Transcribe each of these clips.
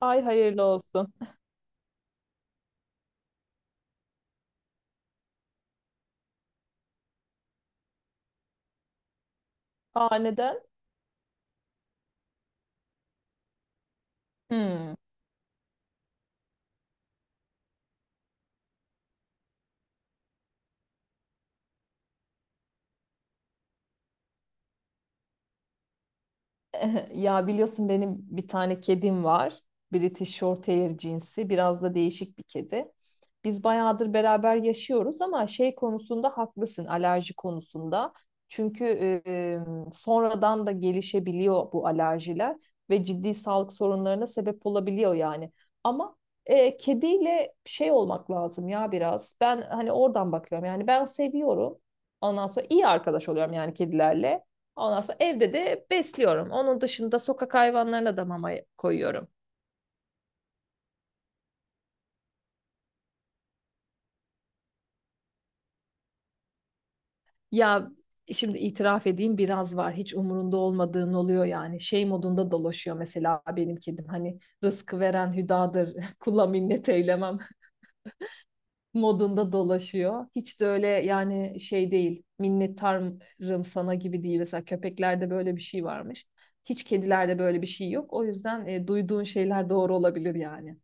Ay hayırlı olsun. Aa, neden? Hmm. Ya biliyorsun benim bir tane kedim var. British Shorthair cinsi. Biraz da değişik bir kedi. Biz bayağıdır beraber yaşıyoruz ama şey konusunda haklısın, alerji konusunda. Çünkü e, sonradan da gelişebiliyor bu alerjiler ve ciddi sağlık sorunlarına sebep olabiliyor yani. Ama kediyle şey olmak lazım ya biraz. Ben hani oradan bakıyorum. Yani ben seviyorum. Ondan sonra iyi arkadaş oluyorum yani kedilerle. Ondan sonra evde de besliyorum. Onun dışında sokak hayvanlarına da mama koyuyorum. Ya şimdi itiraf edeyim, biraz var. Hiç umurunda olmadığın oluyor yani. Şey modunda dolaşıyor mesela benim kedim. Hani rızkı veren hüdadır, kula minnet eylemem modunda dolaşıyor. Hiç de öyle yani, şey değil. Minnettarım sana gibi değil. Mesela köpeklerde böyle bir şey varmış. Hiç kedilerde böyle bir şey yok. O yüzden duyduğun şeyler doğru olabilir yani.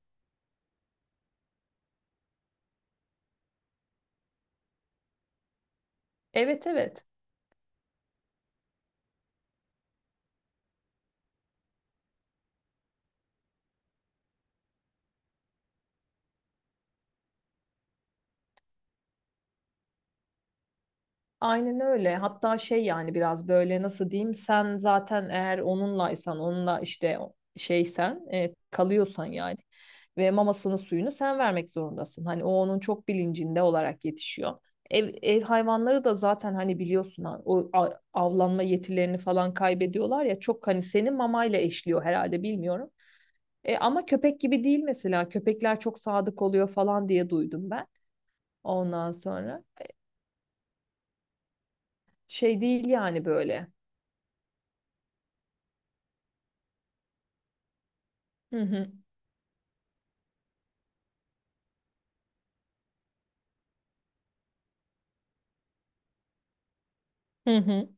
Evet, evet. Aynen öyle. Hatta şey yani biraz böyle, nasıl diyeyim, sen zaten eğer onunlaysan, onunla işte şeysen, kalıyorsan yani ve mamasını suyunu sen vermek zorundasın. Hani o onun çok bilincinde olarak yetişiyor. Ev, ev hayvanları da zaten hani biliyorsun ha, o avlanma yetilerini falan kaybediyorlar ya, çok hani senin mamayla eşliyor herhalde, bilmiyorum. Ama köpek gibi değil, mesela köpekler çok sadık oluyor falan diye duydum ben, ondan sonra. Şey değil yani böyle. Hı hı. Hı hı.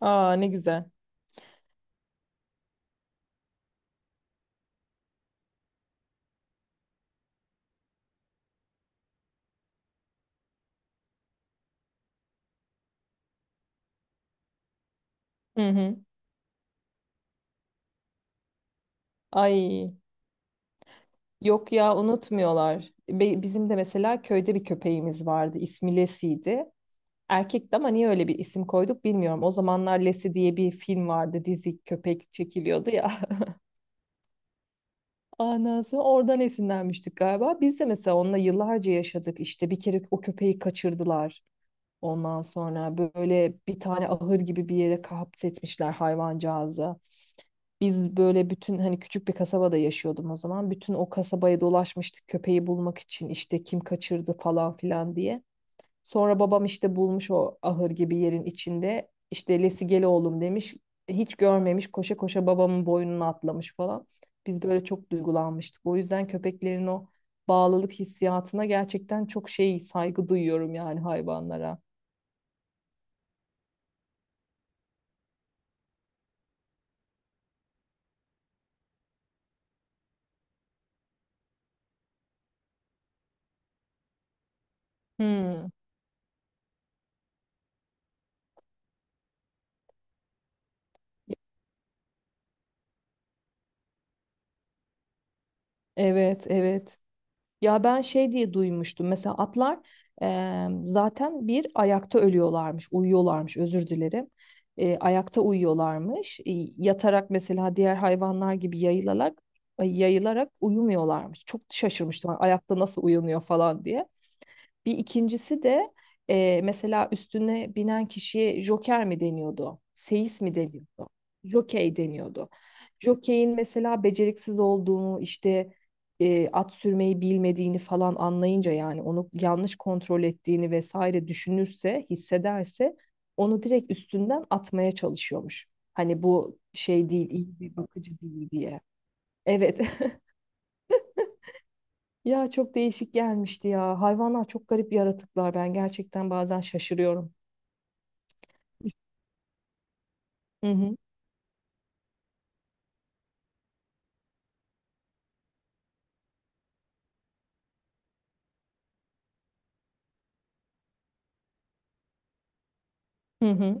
Aa, ne güzel. Hı hı. Ay, yok ya, unutmuyorlar. Bizim de mesela köyde bir köpeğimiz vardı. İsmi Lesi'ydi. Erkekti ama niye öyle bir isim koyduk bilmiyorum. O zamanlar Lesi diye bir film vardı. Dizi köpek çekiliyordu ya. Anası oradan esinlenmiştik galiba. Biz de mesela onunla yıllarca yaşadık. İşte bir kere o köpeği kaçırdılar. Ondan sonra böyle bir tane ahır gibi bir yere kapsetmişler hayvancağızı. Biz böyle bütün hani küçük bir kasabada yaşıyordum o zaman. Bütün o kasabayı dolaşmıştık köpeği bulmak için, işte kim kaçırdı falan filan diye. Sonra babam işte bulmuş o ahır gibi yerin içinde. İşte Lesi gel oğlum demiş. Hiç görmemiş, koşa koşa babamın boynuna atlamış falan. Biz böyle çok duygulanmıştık. O yüzden köpeklerin o bağlılık hissiyatına gerçekten çok şey saygı duyuyorum yani, hayvanlara. Hmm, evet, evet. Ya ben şey diye duymuştum. Mesela atlar zaten bir ayakta ölüyorlarmış, uyuyorlarmış. Özür dilerim. Ayakta uyuyorlarmış. Yatarak mesela diğer hayvanlar gibi yayılarak yayılarak uyumuyorlarmış. Çok şaşırmıştım. Ayakta nasıl uyanıyor falan diye. Bir ikincisi de mesela üstüne binen kişiye joker mi deniyordu? Seyis mi deniyordu? Jokey deniyordu. Jokey'in mesela beceriksiz olduğunu, işte at sürmeyi bilmediğini falan anlayınca, yani onu yanlış kontrol ettiğini vesaire düşünürse, hissederse, onu direkt üstünden atmaya çalışıyormuş. Hani bu şey değil, iyi bir bakıcı değil diye. Evet. Ya çok değişik gelmişti ya. Hayvanlar çok garip yaratıklar. Ben gerçekten bazen şaşırıyorum. Hı hı. Hı hı.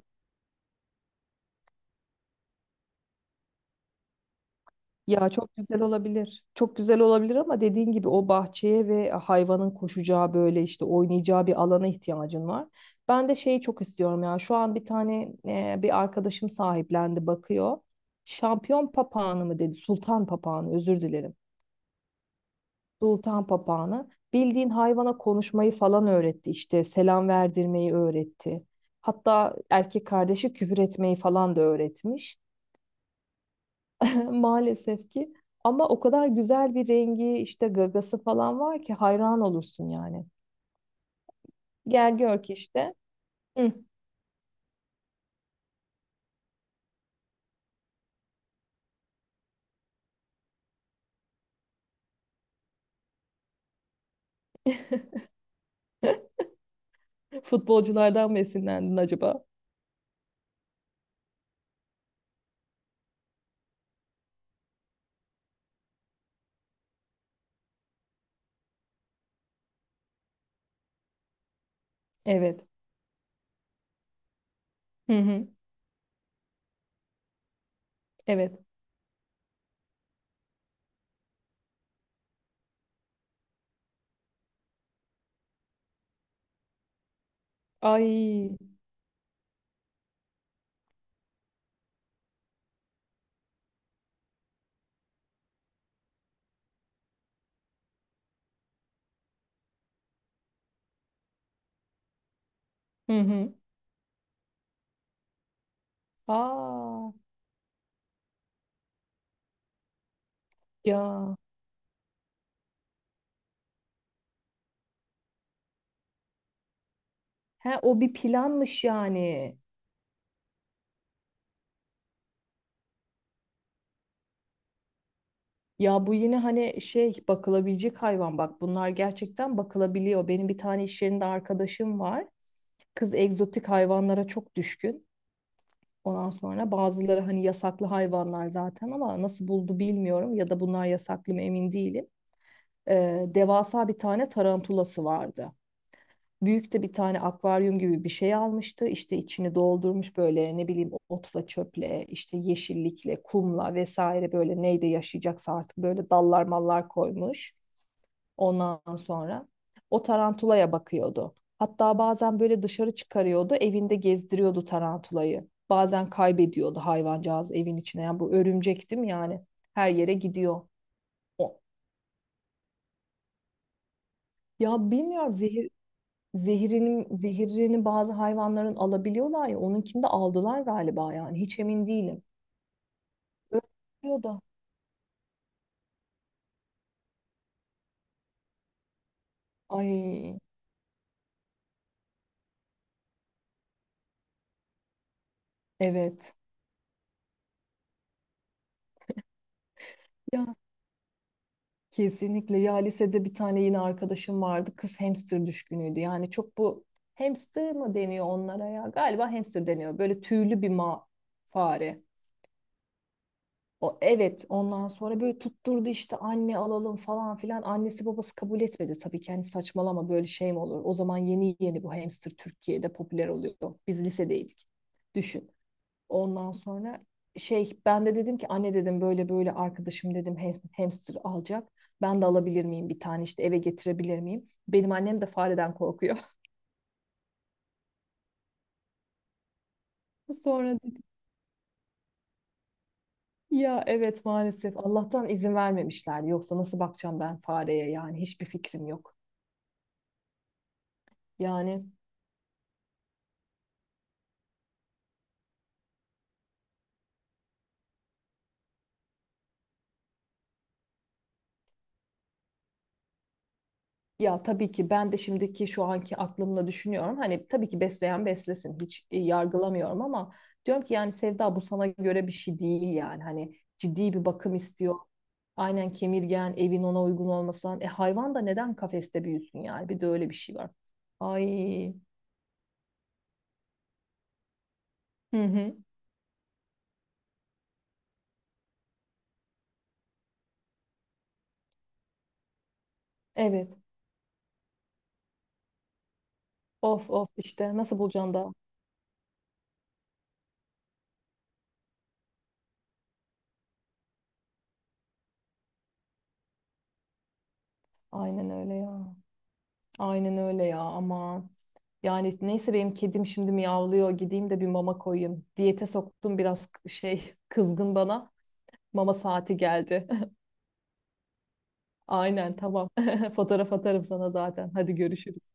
Ya çok güzel olabilir. Çok güzel olabilir ama dediğin gibi o bahçeye ve hayvanın koşacağı böyle işte oynayacağı bir alana ihtiyacın var. Ben de şeyi çok istiyorum ya. Şu an bir tane bir arkadaşım sahiplendi, bakıyor. Şampiyon papağanı mı dedi? Sultan papağanı, özür dilerim. Sultan papağanı bildiğin hayvana konuşmayı falan öğretti, işte selam verdirmeyi öğretti. Hatta erkek kardeşi küfür etmeyi falan da öğretmiş maalesef ki. Ama o kadar güzel bir rengi işte, gagası falan var ki hayran olursun yani. Gel gör ki işte hı, futbolculardan mı esinlendin acaba? Evet. Hı hı. Evet. Ay. Hı hı. Aa. Ya. He, o bir planmış yani. Ya bu yine hani şey, bakılabilecek hayvan, bak bunlar gerçekten bakılabiliyor. Benim bir tane iş yerinde arkadaşım var. Kız egzotik hayvanlara çok düşkün. Ondan sonra bazıları hani yasaklı hayvanlar zaten, ama nasıl buldu bilmiyorum, ya da bunlar yasaklı mı emin değilim. Devasa bir tane tarantulası vardı. Büyük de bir tane akvaryum gibi bir şey almıştı. İşte içini doldurmuş böyle, ne bileyim, otla, çöple, işte yeşillikle, kumla vesaire, böyle neyde yaşayacaksa artık, böyle dallar mallar koymuş. Ondan sonra o tarantulaya bakıyordu. Hatta bazen böyle dışarı çıkarıyordu, evinde gezdiriyordu tarantulayı. Bazen kaybediyordu hayvancağız evin içine. Yani bu örümcek değil mi yani? Her yere gidiyor. O. Ya bilmiyorum, zehirini bazı hayvanların alabiliyorlar ya, onunkini de aldılar galiba, yani hiç emin değilim. Öyle da. Ay, evet. Ya kesinlikle ya, lisede bir tane yine arkadaşım vardı, kız hamster düşkünüydü yani, çok bu hamster mı deniyor onlara ya, galiba hamster deniyor, böyle tüylü bir fare. O, evet, ondan sonra böyle tutturdu işte, anne alalım falan filan. Annesi babası kabul etmedi tabii ki, hani saçmalama, böyle şey mi olur. O zaman yeni yeni bu hamster Türkiye'de popüler oluyor. Biz lisedeydik, düşün. Ondan sonra şey, ben de dedim ki anne, dedim böyle böyle arkadaşım, dedim hamster alacak. Ben de alabilir miyim bir tane, işte eve getirebilir miyim? Benim annem de fareden korkuyor. Sonra dedim, ya evet, maalesef Allah'tan izin vermemişler. Yoksa nasıl bakacağım ben fareye, yani hiçbir fikrim yok. Yani. Ya tabii ki ben de şimdiki şu anki aklımla düşünüyorum. Hani tabii ki besleyen beslesin. Hiç yargılamıyorum ama diyorum ki yani Sevda, bu sana göre bir şey değil yani. Hani ciddi bir bakım istiyor. Aynen, kemirgen, evin ona uygun olmasan. E hayvan da neden kafeste büyüsün yani? Bir de öyle bir şey var. Ay. Hı hı. Evet. Of of, işte nasıl bulacaksın da? Aynen öyle ya. Aynen öyle ya, ama yani neyse, benim kedim şimdi miyavlıyor, gideyim de bir mama koyayım. Diyete soktum biraz, şey kızgın bana. Mama saati geldi. Aynen, tamam. Fotoğraf atarım sana zaten. Hadi görüşürüz.